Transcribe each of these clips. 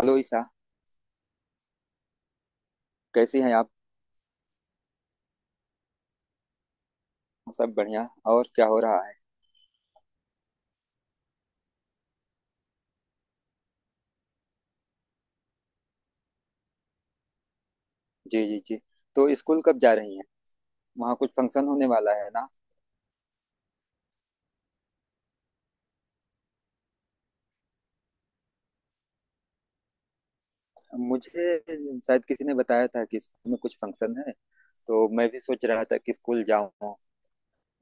Hello Isha. कैसी हैं आप। सब बढ़िया। और क्या हो रहा है। जी जी जी। तो स्कूल कब जा रही हैं। वहाँ कुछ फंक्शन होने वाला है ना। मुझे शायद किसी ने बताया था कि स्कूल में कुछ फंक्शन है। तो मैं भी सोच रहा था कि स्कूल जाऊँ।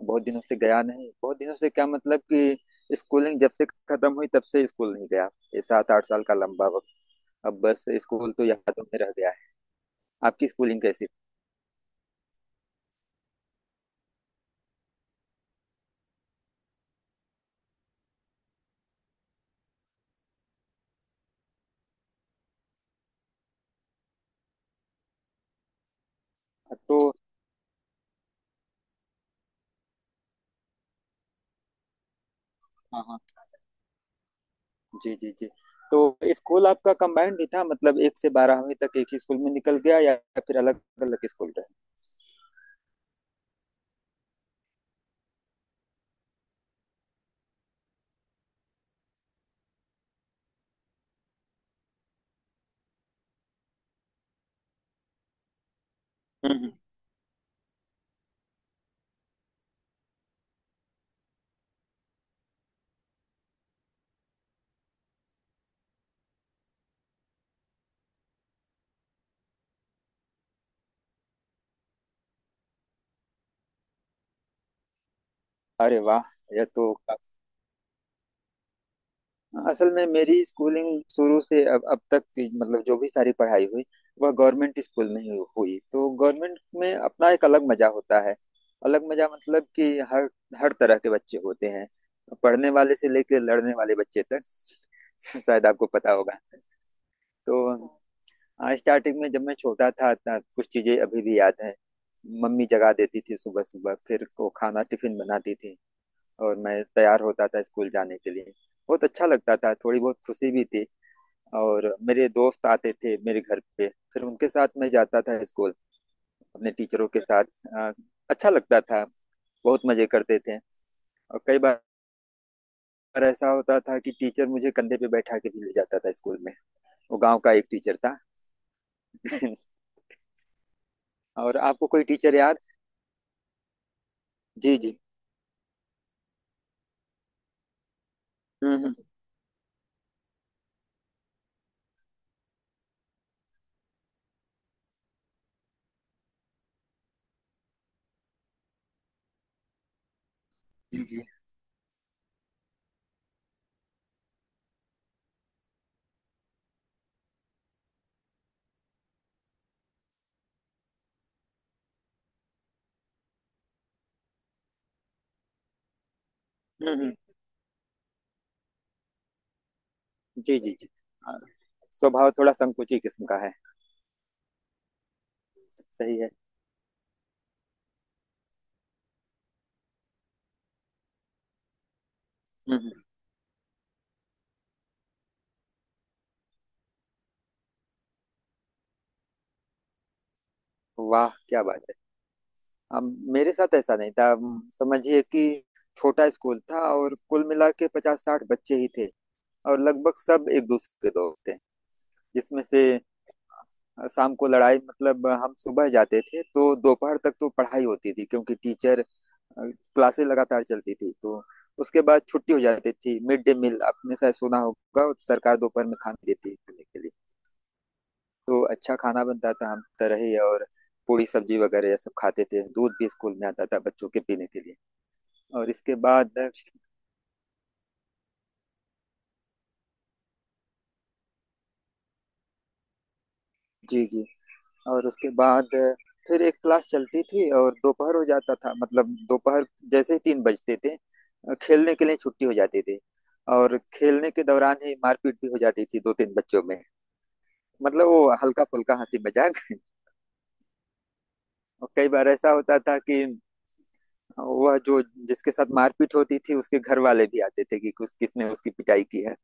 बहुत दिनों से गया नहीं, बहुत दिनों से क्या मतलब कि स्कूलिंग जब से खत्म हुई तब से स्कूल नहीं गया। ये 7-8 साल का लंबा वक्त। अब बस स्कूल तो यादों में रह गया है। आपकी स्कूलिंग कैसी। तो हाँ हाँ। जी, जी, जी। तो स्कूल आपका कंबाइंड ही था, मतलब 1 से 12वीं तक एक ही स्कूल में निकल गया या फिर अलग-अलग स्कूल रहे? हम्म हम्म। अरे वाह! यह तो काफ़ी। असल में मेरी स्कूलिंग शुरू से अब तक की, मतलब जो भी सारी पढ़ाई हुई, वह गवर्नमेंट स्कूल में ही हुई। तो गवर्नमेंट में अपना एक अलग मज़ा होता है। अलग मज़ा मतलब कि हर हर तरह के बच्चे होते हैं। पढ़ने वाले से लेके लड़ने वाले बच्चे तक। शायद आपको पता होगा। तो हाँ, स्टार्टिंग में जब मैं छोटा था ना, कुछ चीजें अभी भी याद हैं। मम्मी जगा देती थी सुबह सुबह, फिर वो खाना टिफिन बनाती थी और मैं तैयार होता था स्कूल जाने के लिए। बहुत अच्छा लगता था, थोड़ी बहुत खुशी भी थी, और मेरे दोस्त आते थे मेरे घर पे, फिर उनके साथ मैं जाता था स्कूल अपने टीचरों के साथ। अ, अच्छा लगता था, बहुत मजे करते थे। और कई बार ऐसा होता था कि टीचर मुझे कंधे पे बैठा के भी ले जाता था स्कूल में। वो गांव का एक टीचर था। और आपको कोई टीचर याद। जी जी। हम्म हम्म। जी जी। हम्म हम्म, जी जी जी। हाँ, स्वभाव थोड़ा संकुची किस्म का है। सही है। हम्म। वाह क्या बात है। अब मेरे साथ ऐसा नहीं था, समझिए कि छोटा स्कूल था और कुल मिला के 50-60 बच्चे ही थे, और लगभग सब एक दूसरे के दोस्त थे। जिसमें से शाम को लड़ाई, मतलब हम सुबह जाते थे तो दोपहर तक तो पढ़ाई होती थी क्योंकि टीचर क्लासेस लगातार चलती थी। तो उसके बाद छुट्टी हो जाती थी। मिड डे मील, आपने शायद सुना होगा, सरकार दोपहर में खाना देती है खाने के लिए। तो अच्छा खाना बनता था हम तरह ही, और पूरी सब्जी वगैरह ये सब खाते थे। दूध भी स्कूल में आता था बच्चों के पीने के लिए। और इसके बाद, जी जी, और उसके बाद फिर एक क्लास चलती थी और दोपहर हो जाता था, मतलब दोपहर जैसे ही 3 बजते थे, खेलने के लिए छुट्टी हो जाती थी। और खेलने के दौरान ही मारपीट भी हो जाती थी 2-3 बच्चों में। मतलब वो हल्का फुल्का हंसी मजाक। और कई बार ऐसा होता था कि वह जो, जिसके साथ मारपीट होती थी उसके घर वाले भी आते थे कि कुछ किसने उसकी पिटाई की है।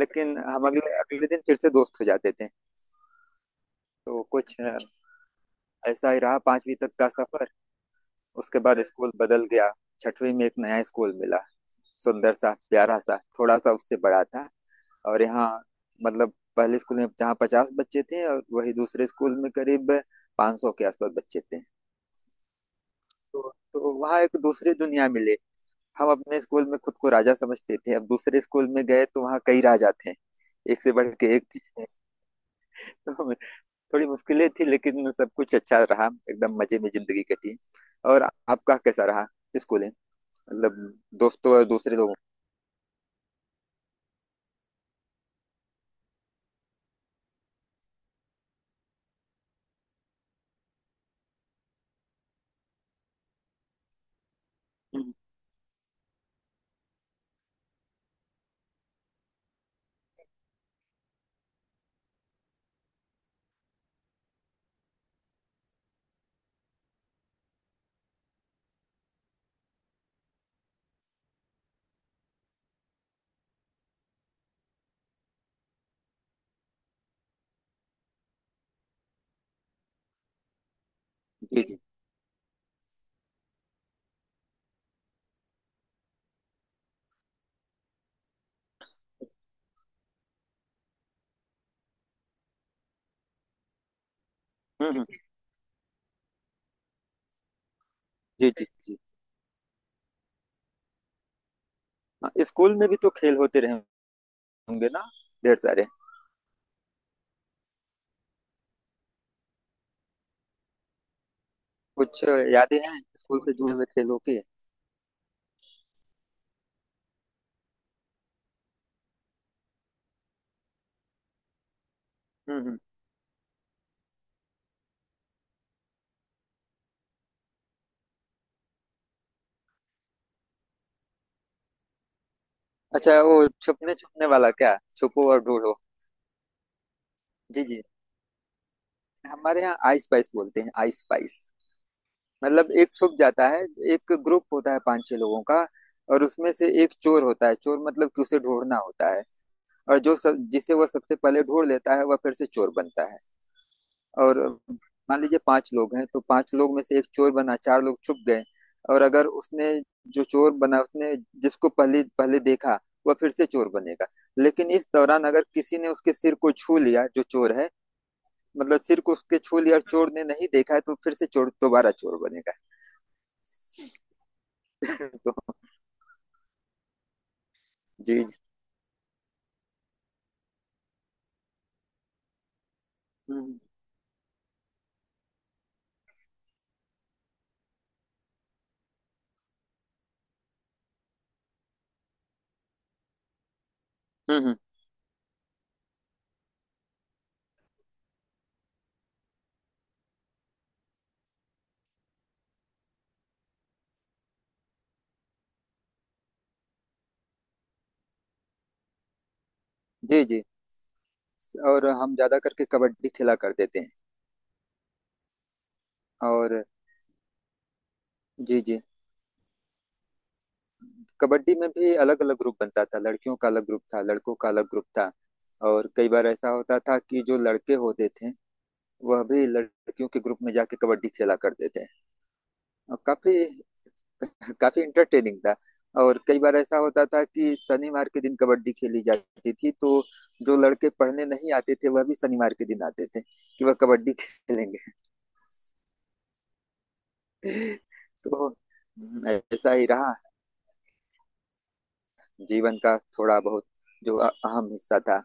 लेकिन हम अगले अगले दिन फिर से दोस्त हो जाते थे। तो कुछ ऐसा ही रहा 5वीं तक का सफर। उसके बाद स्कूल बदल गया। 6वीं में एक नया स्कूल मिला, सुंदर सा प्यारा सा, थोड़ा सा उससे बड़ा था। और यहाँ मतलब पहले स्कूल में जहाँ 50 बच्चे थे, और वही दूसरे स्कूल में करीब 500 के आसपास बच्चे थे। तो वहाँ एक दूसरी दुनिया मिले। हम अपने स्कूल में खुद को राजा समझते थे, अब दूसरे स्कूल में गए तो वहाँ कई राजा थे, एक से बढ़ के एक। तो थोड़ी मुश्किलें थी लेकिन सब कुछ अच्छा रहा, एकदम मजे में जिंदगी कटी। और आपका कैसा रहा स्कूल, मतलब दोस्तों और दूसरे लोगों। हम्म, जी जी। हम्म, हम्म, जी जी जी। हाँ, स्कूल में भी तो खेल होते रहे होंगे ना, ढेर सारे। कुछ यादें हैं स्कूल से जुड़े हुए खेलों की। हम्म। अच्छा, वो छुपने छुपने वाला, क्या छुपो और ढूंढो। जी जी, हमारे यहाँ आइस पाइस बोलते हैं, आइस पाइस। मतलब एक छुप जाता है, एक ग्रुप होता है 5-6 लोगों का, और उसमें से एक चोर होता है, चोर मतलब कि उसे ढूंढना होता है। और जो सब जिसे वो सबसे पहले ढूंढ लेता है, वह फिर से चोर बनता है। और मान लीजिए 5 लोग हैं तो 5 लोग में से एक चोर बना, 4 लोग छुप गए। और अगर उसने, जो चोर बना उसने, जिसको पहले पहले देखा, वह फिर से चोर बनेगा। लेकिन इस दौरान अगर किसी ने उसके सिर को छू लिया जो चोर है, मतलब सिर को उसके छू लिया और चोर ने नहीं देखा है, तो फिर से चोर दोबारा चोर बनेगा। तो जी जी। हम्म हम्म हम्म, जी जी, और हम ज्यादा करके कबड्डी खेला करते थे। और जी जी, कबड्डी में भी अलग अलग ग्रुप बनता था, लड़कियों का अलग ग्रुप था, लड़कों का अलग ग्रुप था। और कई बार ऐसा होता था कि जो लड़के होते थे वह भी लड़कियों के ग्रुप में जाके कबड्डी खेला करते थे। और काफी काफी इंटरटेनिंग था। और कई बार ऐसा होता था कि शनिवार के दिन कबड्डी खेली जाती थी तो जो लड़के पढ़ने नहीं आते थे, वह भी शनिवार के दिन आते थे कि वह कबड्डी खेलेंगे। तो ऐसा ही रहा जीवन का थोड़ा बहुत जो अहम हिस्सा था।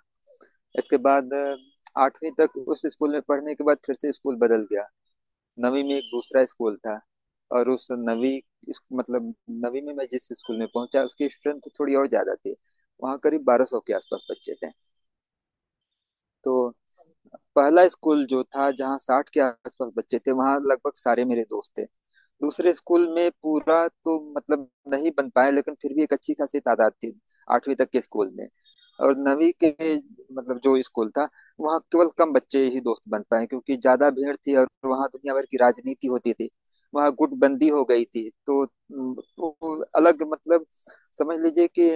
इसके बाद 8वीं तक उस स्कूल में पढ़ने के बाद फिर से स्कूल बदल गया। 9वीं में एक दूसरा स्कूल था और उस 9वीं मतलब 9वीं में मैं जिस स्कूल में पहुंचा, उसकी स्ट्रेंथ थोड़ी और ज्यादा थी। वहाँ करीब 1200 के आसपास बच्चे थे। तो पहला स्कूल जो था जहाँ 60 के आसपास बच्चे थे, वहाँ लगभग सारे मेरे दोस्त थे। दूसरे स्कूल में पूरा तो मतलब नहीं बन पाया, लेकिन फिर भी एक अच्छी खासी तादाद थी 8वीं तक के स्कूल में। और 9वीं के मतलब जो स्कूल था, वहाँ केवल कम बच्चे ही दोस्त बन पाए क्योंकि ज्यादा भीड़ थी और वहाँ दुनिया भर की राजनीति होती थी। वहाँ गुटबंदी हो गई थी, तो अलग मतलब, समझ लीजिए कि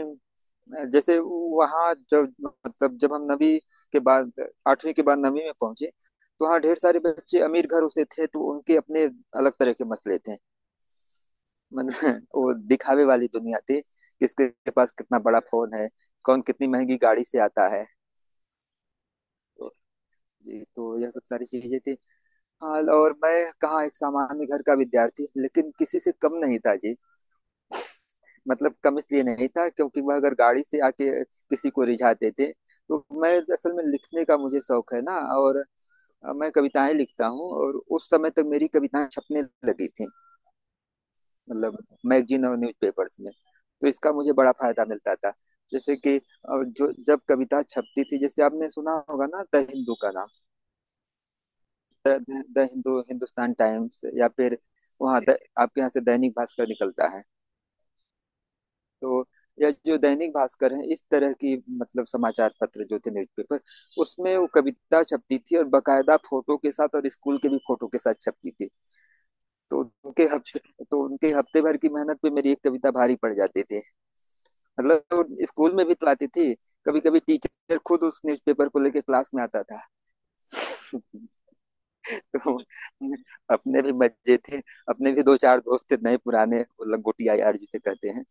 जैसे वहाँ जब, मतलब जब हम 9वीं के बाद, 8वीं के बाद 9वीं में पहुंचे, तो वहाँ ढेर सारे बच्चे अमीर घरों से थे तो उनके अपने अलग तरह के मसले थे। मतलब वो दिखावे वाली दुनिया थी, किसके पास कितना बड़ा फोन है, कौन कितनी महंगी गाड़ी से आता है। तो जी, तो यह सब सारी चीजें थी। हाल और मैं कहाँ, एक सामान्य घर का विद्यार्थी, लेकिन किसी से कम नहीं था जी। मतलब कम इसलिए नहीं था क्योंकि वह अगर गाड़ी से आके किसी को रिझाते थे, तो मैं असल में लिखने का मुझे शौक है ना। और मैं कविताएं लिखता हूँ और उस समय तक मेरी कविताएं छपने लगी थी। मतलब मैगजीन और न्यूज़पेपर्स में। तो इसका मुझे बड़ा फायदा मिलता था। जैसे कि जो जब कविता छपती थी, जैसे आपने सुना होगा ना द हिंदू का नाम, the, the Hindu, Hindustan Times या फिर वहाँ आपके यहाँ से दैनिक भास्कर निकलता है। तो या जो दैनिक भास्कर है, इस तरह की मतलब समाचार पत्र जो थे, न्यूज़पेपर, उसमें वो कविता छपती थी और बकायदा फोटो के साथ और स्कूल के भी फोटो के साथ छपती थी। तो उनके हफ्ते तो उनके हफ्ते भर की मेहनत पे मेरी एक कविता भारी पड़ जाती थी। मतलब वो स्कूल में भी तो आती थी, कभी कभी टीचर खुद उस न्यूज़पेपर को लेके क्लास में आता था। तो अपने भी मजे थे, अपने भी 2-4 दोस्त थे नए पुराने, वो लंगोटिया यार जिसे कहते हैं।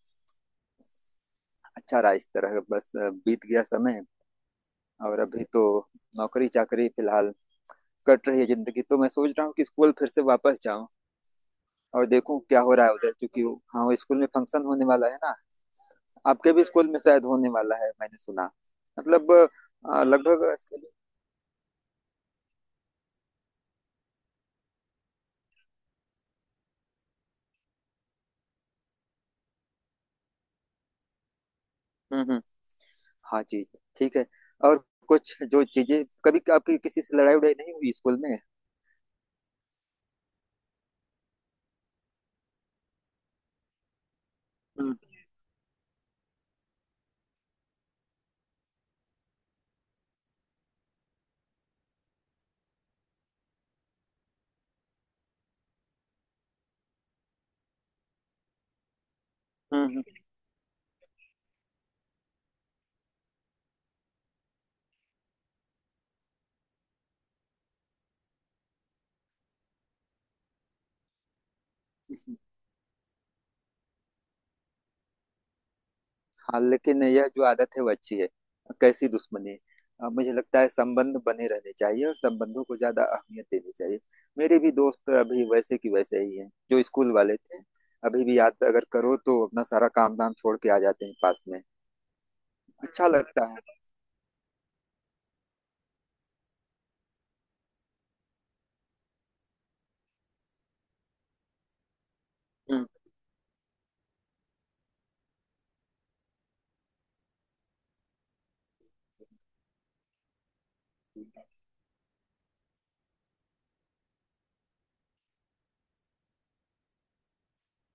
अच्छा रहा इस तरह, बस बीत गया समय। और अभी तो नौकरी चाकरी फिलहाल, कट रही है जिंदगी, तो मैं सोच रहा हूँ कि स्कूल फिर से वापस जाऊँ, और देखूँ क्या हो रहा है उधर, क्योंकि हाँ स्कूल में फंक्शन होने वाला है ना। आपके भी स्कूल में शायद होने वाला है, मैंने सुना, मतलब लगभग। हम्म, हाँ जी, ठीक है। और कुछ जो चीजें, कभी आपकी किसी से लड़ाई उड़ाई नहीं हुई स्कूल में। हम्म हम्म हम्म। हाँ, लेकिन यह जो आदत है वो अच्छी है। कैसी दुश्मनी। मुझे लगता है संबंध बने रहने चाहिए और संबंधों को ज्यादा अहमियत देनी चाहिए। मेरे भी दोस्त अभी वैसे की वैसे ही हैं जो स्कूल वाले थे। अभी भी याद अगर करो तो अपना सारा काम धाम छोड़ के आ जाते हैं पास में, अच्छा लगता है। हम्म,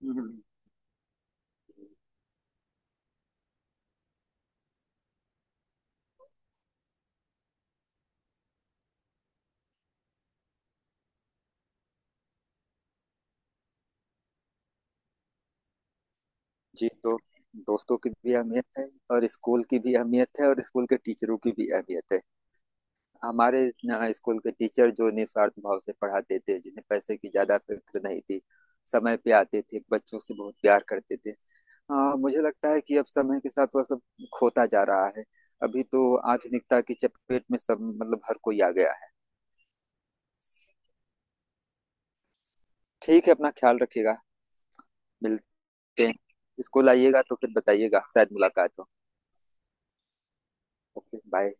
हम्म, हम्म। जी, तो दोस्तों की भी अहमियत है और स्कूल की भी अहमियत है और स्कूल के टीचरों की भी अहमियत है। हमारे स्कूल के टीचर जो निस्वार्थ भाव से पढ़ाते थे, जिन्हें पैसे की ज्यादा फिक्र नहीं थी, समय पे आते थे, बच्चों से बहुत प्यार करते थे। हाँ मुझे लगता है कि अब समय के साथ वह सब खोता जा रहा है। अभी तो आधुनिकता की चपेट में सब, मतलब हर कोई आ गया है। ठीक है, अपना ख्याल रखिएगा, मिलते हैं। स्कूल आइएगा तो फिर बताइएगा, शायद मुलाकात हो। Okay bye.